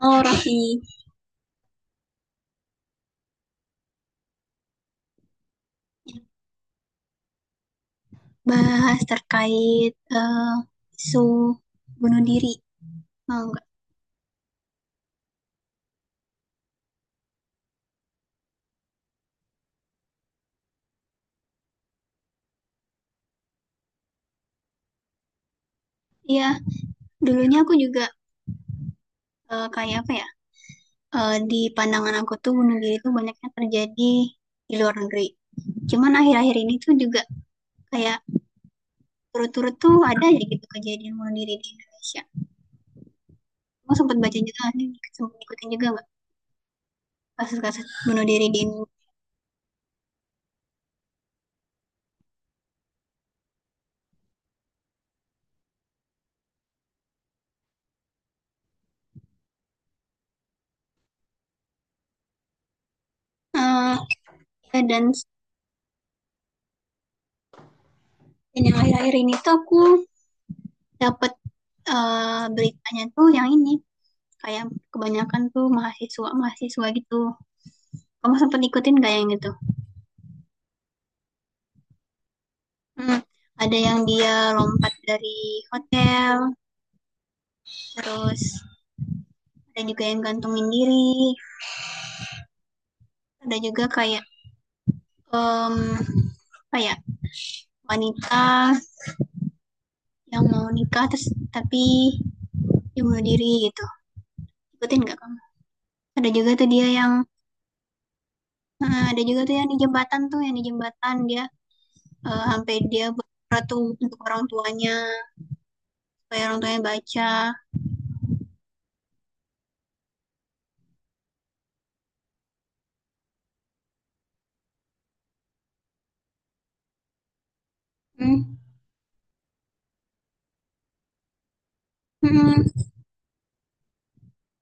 Oh, Raffi, bahas terkait eh, isu bunuh diri. Oh, enggak. Iya, dulunya aku juga kayak apa ya? Di pandangan aku tuh bunuh diri tuh banyaknya terjadi di luar negeri. Cuman akhir-akhir ini tuh juga kayak turut-turut tuh ada aja gitu kejadian bunuh diri di Indonesia. Kamu sempat baca juga nggak sih? Sempat ikutin juga nggak kasus-kasus bunuh diri di Indonesia? Eh, ya, dan yang akhir-akhir ini tuh aku dapat beritanya tuh yang ini kayak kebanyakan tuh mahasiswa mahasiswa gitu, kamu sempat ikutin gak yang gitu. Hmm. Ada yang dia lompat dari hotel, terus ada juga yang gantungin diri, ada juga kayak um, kayak wanita yang mau nikah terus tapi dia bunuh diri gitu, ikutin gak kamu? Ada juga tuh dia yang ada juga tuh yang di jembatan tuh yang di jembatan dia sampai dia berdoa tuh untuk orang tuanya supaya orang tuanya baca. Hmm. Hmm.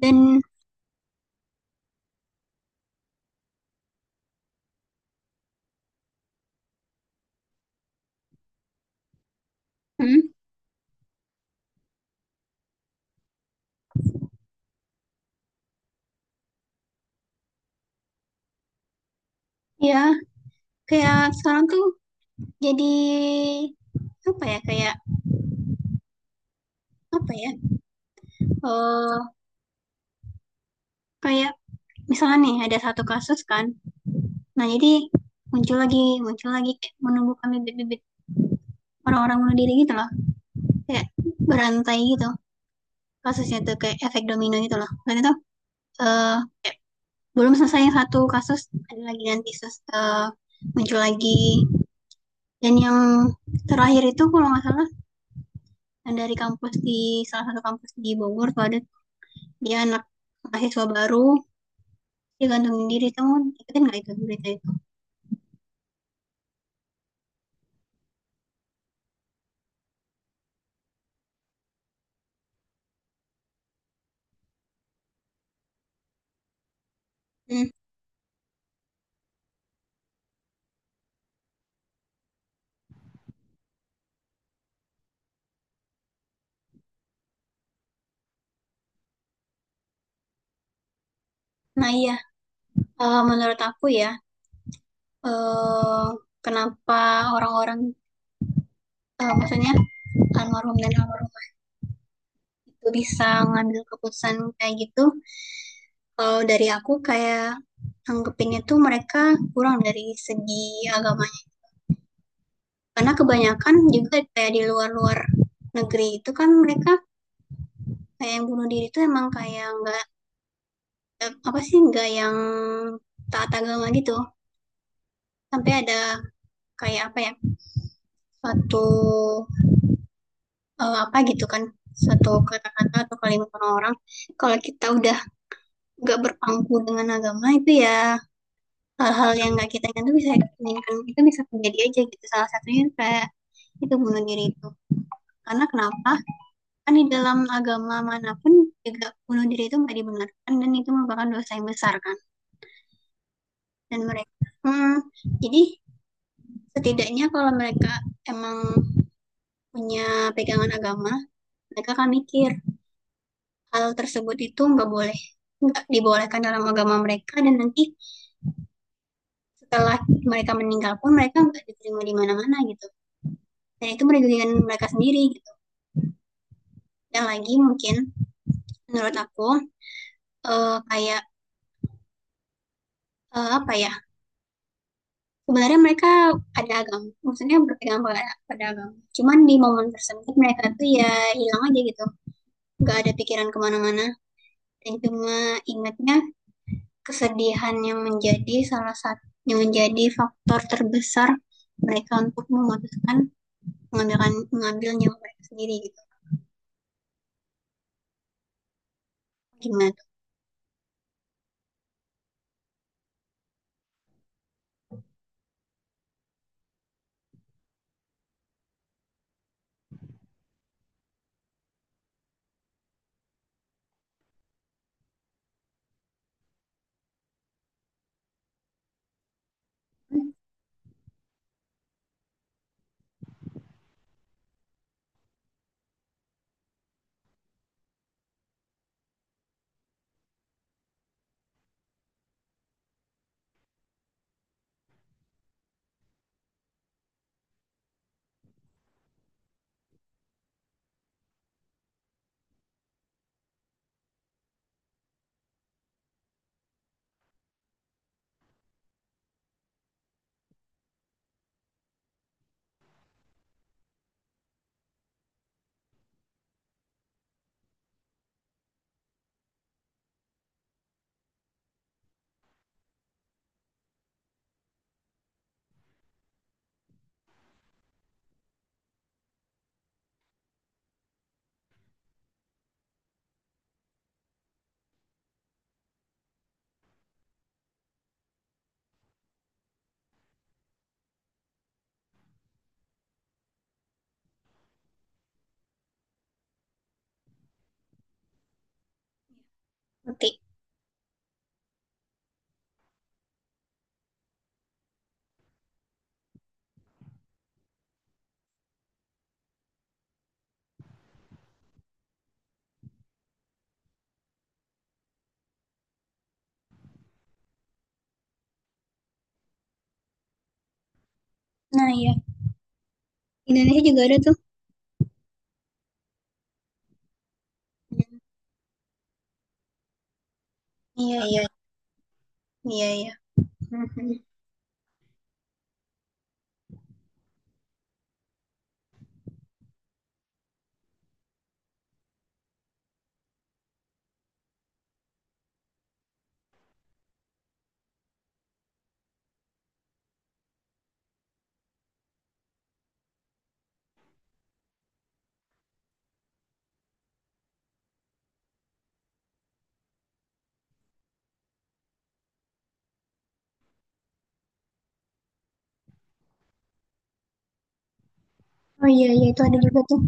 Dan. Hmm? Ya, kayak sekarang tuh jadi apa ya kayak apa ya eh kayak misalnya nih ada satu kasus kan. Nah, jadi muncul lagi kayak menumbuhkan bibit-bibit orang-orang bunuh diri gitu loh. Kayak berantai gitu, kasusnya tuh kayak efek domino gitu loh. Karena tuh eh, belum selesai yang satu kasus, ada lagi nanti muncul lagi. Dan yang terakhir itu kalau nggak salah yang dari kampus di salah satu kampus di Bogor tuh ada, dia anak mahasiswa baru dia gantungin diri, kamu ikutin nggak itu berita itu? Hmm. Nah, iya. Menurut aku ya eh kenapa orang-orang maksudnya almarhum dan almarhum itu bisa ngambil keputusan kayak gitu, kalau dari aku kayak anggapinnya tuh mereka kurang dari segi agamanya, karena kebanyakan juga kayak di luar-luar negeri itu kan mereka kayak yang bunuh diri itu emang kayak nggak apa sih nggak yang taat agama gitu, sampai ada kayak apa ya suatu apa gitu kan, suatu kata-kata atau kalimat orang-orang, kalau kita udah nggak berpangku dengan agama itu ya hal-hal yang nggak kita inginkan itu bisa terjadi aja gitu, salah satunya kayak itu bunuh diri itu. Karena kenapa, kan di dalam agama manapun juga bunuh diri itu nggak dibenarkan dan itu merupakan dosa yang besar kan, dan mereka. Hmm, jadi setidaknya kalau mereka emang punya pegangan agama, mereka akan mikir hal tersebut itu nggak boleh, nggak dibolehkan dalam agama mereka, dan nanti setelah mereka meninggal pun mereka nggak diterima di mana-mana gitu. Dan itu merugikan mereka sendiri gitu. Dan lagi mungkin menurut aku kayak apa ya? Sebenarnya mereka ada agama, maksudnya berpegang pada, agama. Cuman di momen tersebut mereka tuh ya hilang aja gitu, nggak ada pikiran kemana-mana, dan cuma ingatnya kesedihan yang menjadi salah satu yang menjadi faktor terbesar mereka untuk memutuskan mengambil mengambil nyawa mereka sendiri gitu, gimana tuh? Ngerti. Nah, ya, Indonesia juga ada tuh. Iya, iya, iya, iya. Mhm. Oh, iya, iya, itu ada juga tuh.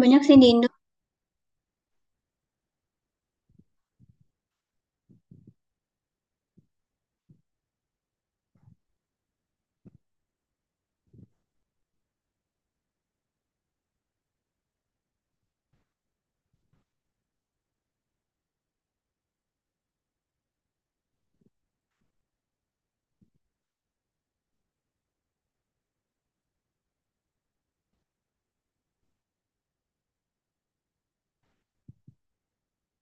Banyak sih di Indo.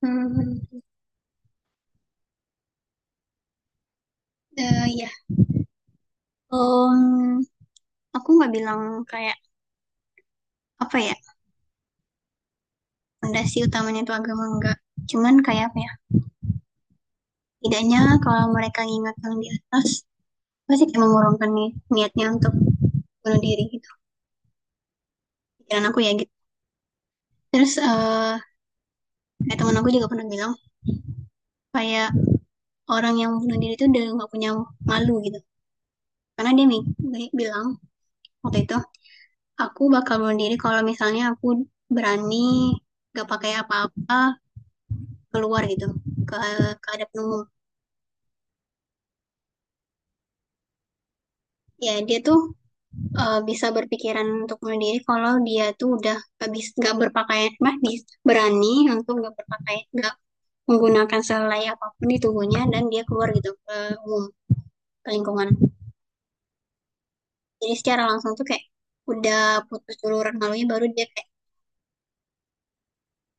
Mhm. Eh, ya. Em, aku nggak bilang kayak apa ya fondasi utamanya itu agama, enggak. Cuman kayak apa ya tidaknya kalau mereka ingat yang di atas pasti kayak mengurungkan niatnya untuk bunuh diri gitu, pikiran aku ya gitu. Terus kayak teman aku juga pernah bilang kayak orang yang bunuh diri itu udah nggak punya malu gitu, karena dia bilang waktu itu aku bakal bunuh diri kalau misalnya aku berani gak pakai apa-apa keluar gitu ke keadaan umum. Ya, dia tuh bisa berpikiran untuk bunuh diri kalau dia tuh udah gak bisa, nggak berpakaian mah, berani untuk gak berpakaian, gak menggunakan selai apapun di tubuhnya dan dia keluar gitu ke umum, ke lingkungan. Jadi secara langsung tuh kayak udah putus duluran malunya baru dia kayak,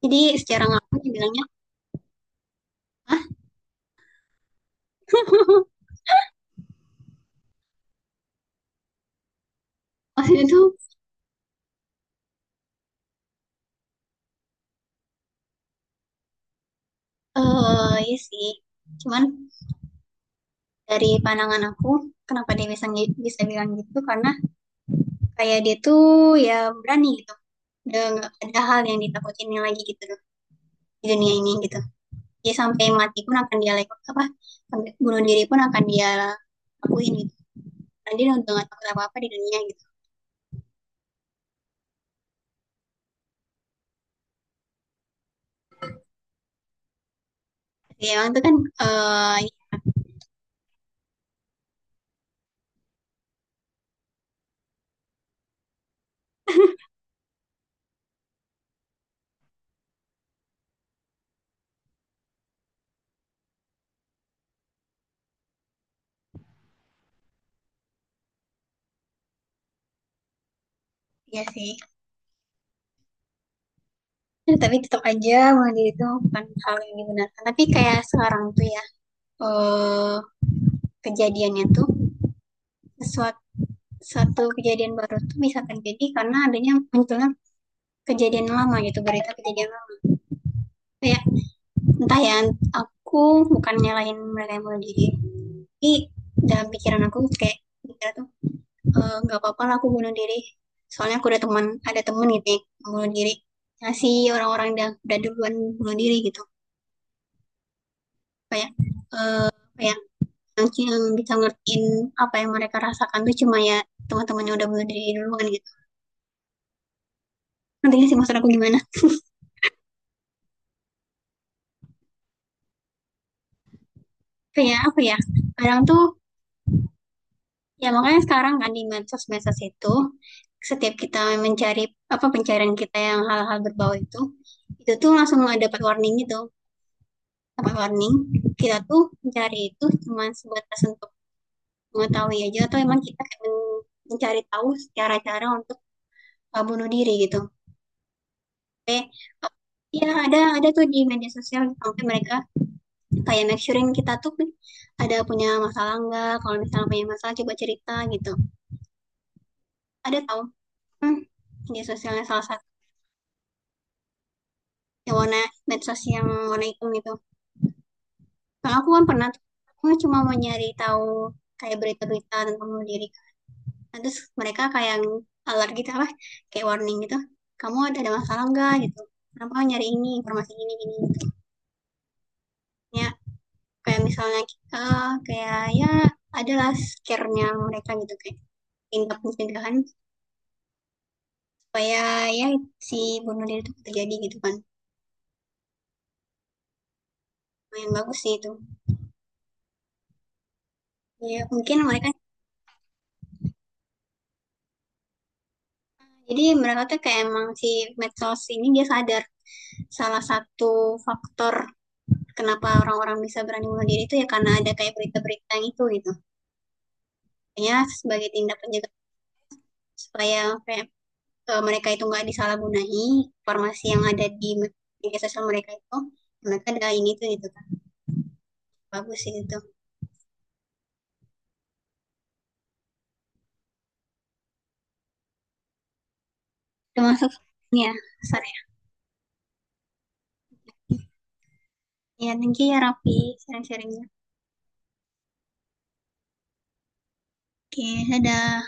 jadi secara langsung dia bilangnya. Ah. Maksudnya tuh iya sih. Cuman dari pandangan aku kenapa dia bisa bisa bilang gitu karena kayak dia tuh ya berani gitu, udah nggak ada hal yang ditakutin lagi gitu loh di dunia ini gitu. Dia sampai mati pun akan dia lakukan apa, sampai bunuh diri pun akan dia lakuin gitu, Andin udah gak takut apa-apa di dunia gitu. Ya, emang itu kan eh ya sih. Ya, tapi tetap aja bunuh itu bukan hal yang dibenarkan. Tapi kayak sekarang tuh ya eh kejadiannya tuh sesuatu, satu kejadian baru tuh bisa terjadi karena adanya munculnya kejadian lama gitu, berita kejadian lama, kayak entah ya, aku bukan nyalain mereka yang bunuh diri, tapi dalam pikiran aku kayak mikir tuh nggak apa-apa lah aku bunuh diri soalnya aku ada teman ada temen gitu ya, yang bunuh diri, ngasih orang-orang yang udah duluan bunuh diri gitu, kayak kayak yang bisa ngertiin apa yang mereka rasakan tuh cuma ya teman-temannya udah bunuh diri duluan gitu, nantinya sih maksud aku gimana, kayak apa ya kadang tuh, ya makanya sekarang kan di medsos-medsos itu setiap kita mencari apa pencarian kita yang hal-hal berbau itu tuh langsung dapat warning gitu, dapat warning, kita tuh mencari itu cuma sebatas untuk mengetahui aja atau emang kita kayak mencari tahu cara-cara untuk bunuh diri gitu. Oke. Uh, Iya, ada tuh di media sosial sampai mereka kayak make surein kita tuh ada punya masalah nggak? Kalau misalnya punya masalah coba cerita gitu. Ada tahu. Hmm, media sosialnya salah satu yang warna, medsos yang warna hitam gitu. Kalau aku kan pernah tuh, aku cuma mau nyari tahu kayak berita-berita tentang bunuh diri, nah terus mereka kayak yang alert gitu apa kayak warning gitu, kamu ada masalah nggak gitu, kenapa nyari ini informasi ini gitu, ya, kayak misalnya kayak ya adalah scare-nya mereka gitu kayak tindak pencegahan supaya ya si bunuh diri itu terjadi gitu kan. Nah, yang bagus sih itu, ya mungkin mereka, jadi mereka tuh kayak emang si medsos ini dia sadar salah satu faktor kenapa orang-orang bisa berani bunuh diri itu ya karena ada kayak berita-berita yang itu gitu, ya sebagai tindak penjaga supaya mereka itu nggak disalahgunai informasi yang ada di media sosial mereka itu, mereka ada ini tuh gitu kan, bagus sih itu. Termasuk, ya sorry, ya thank you ya Raffi, sharing-sharingnya, oke, dadah.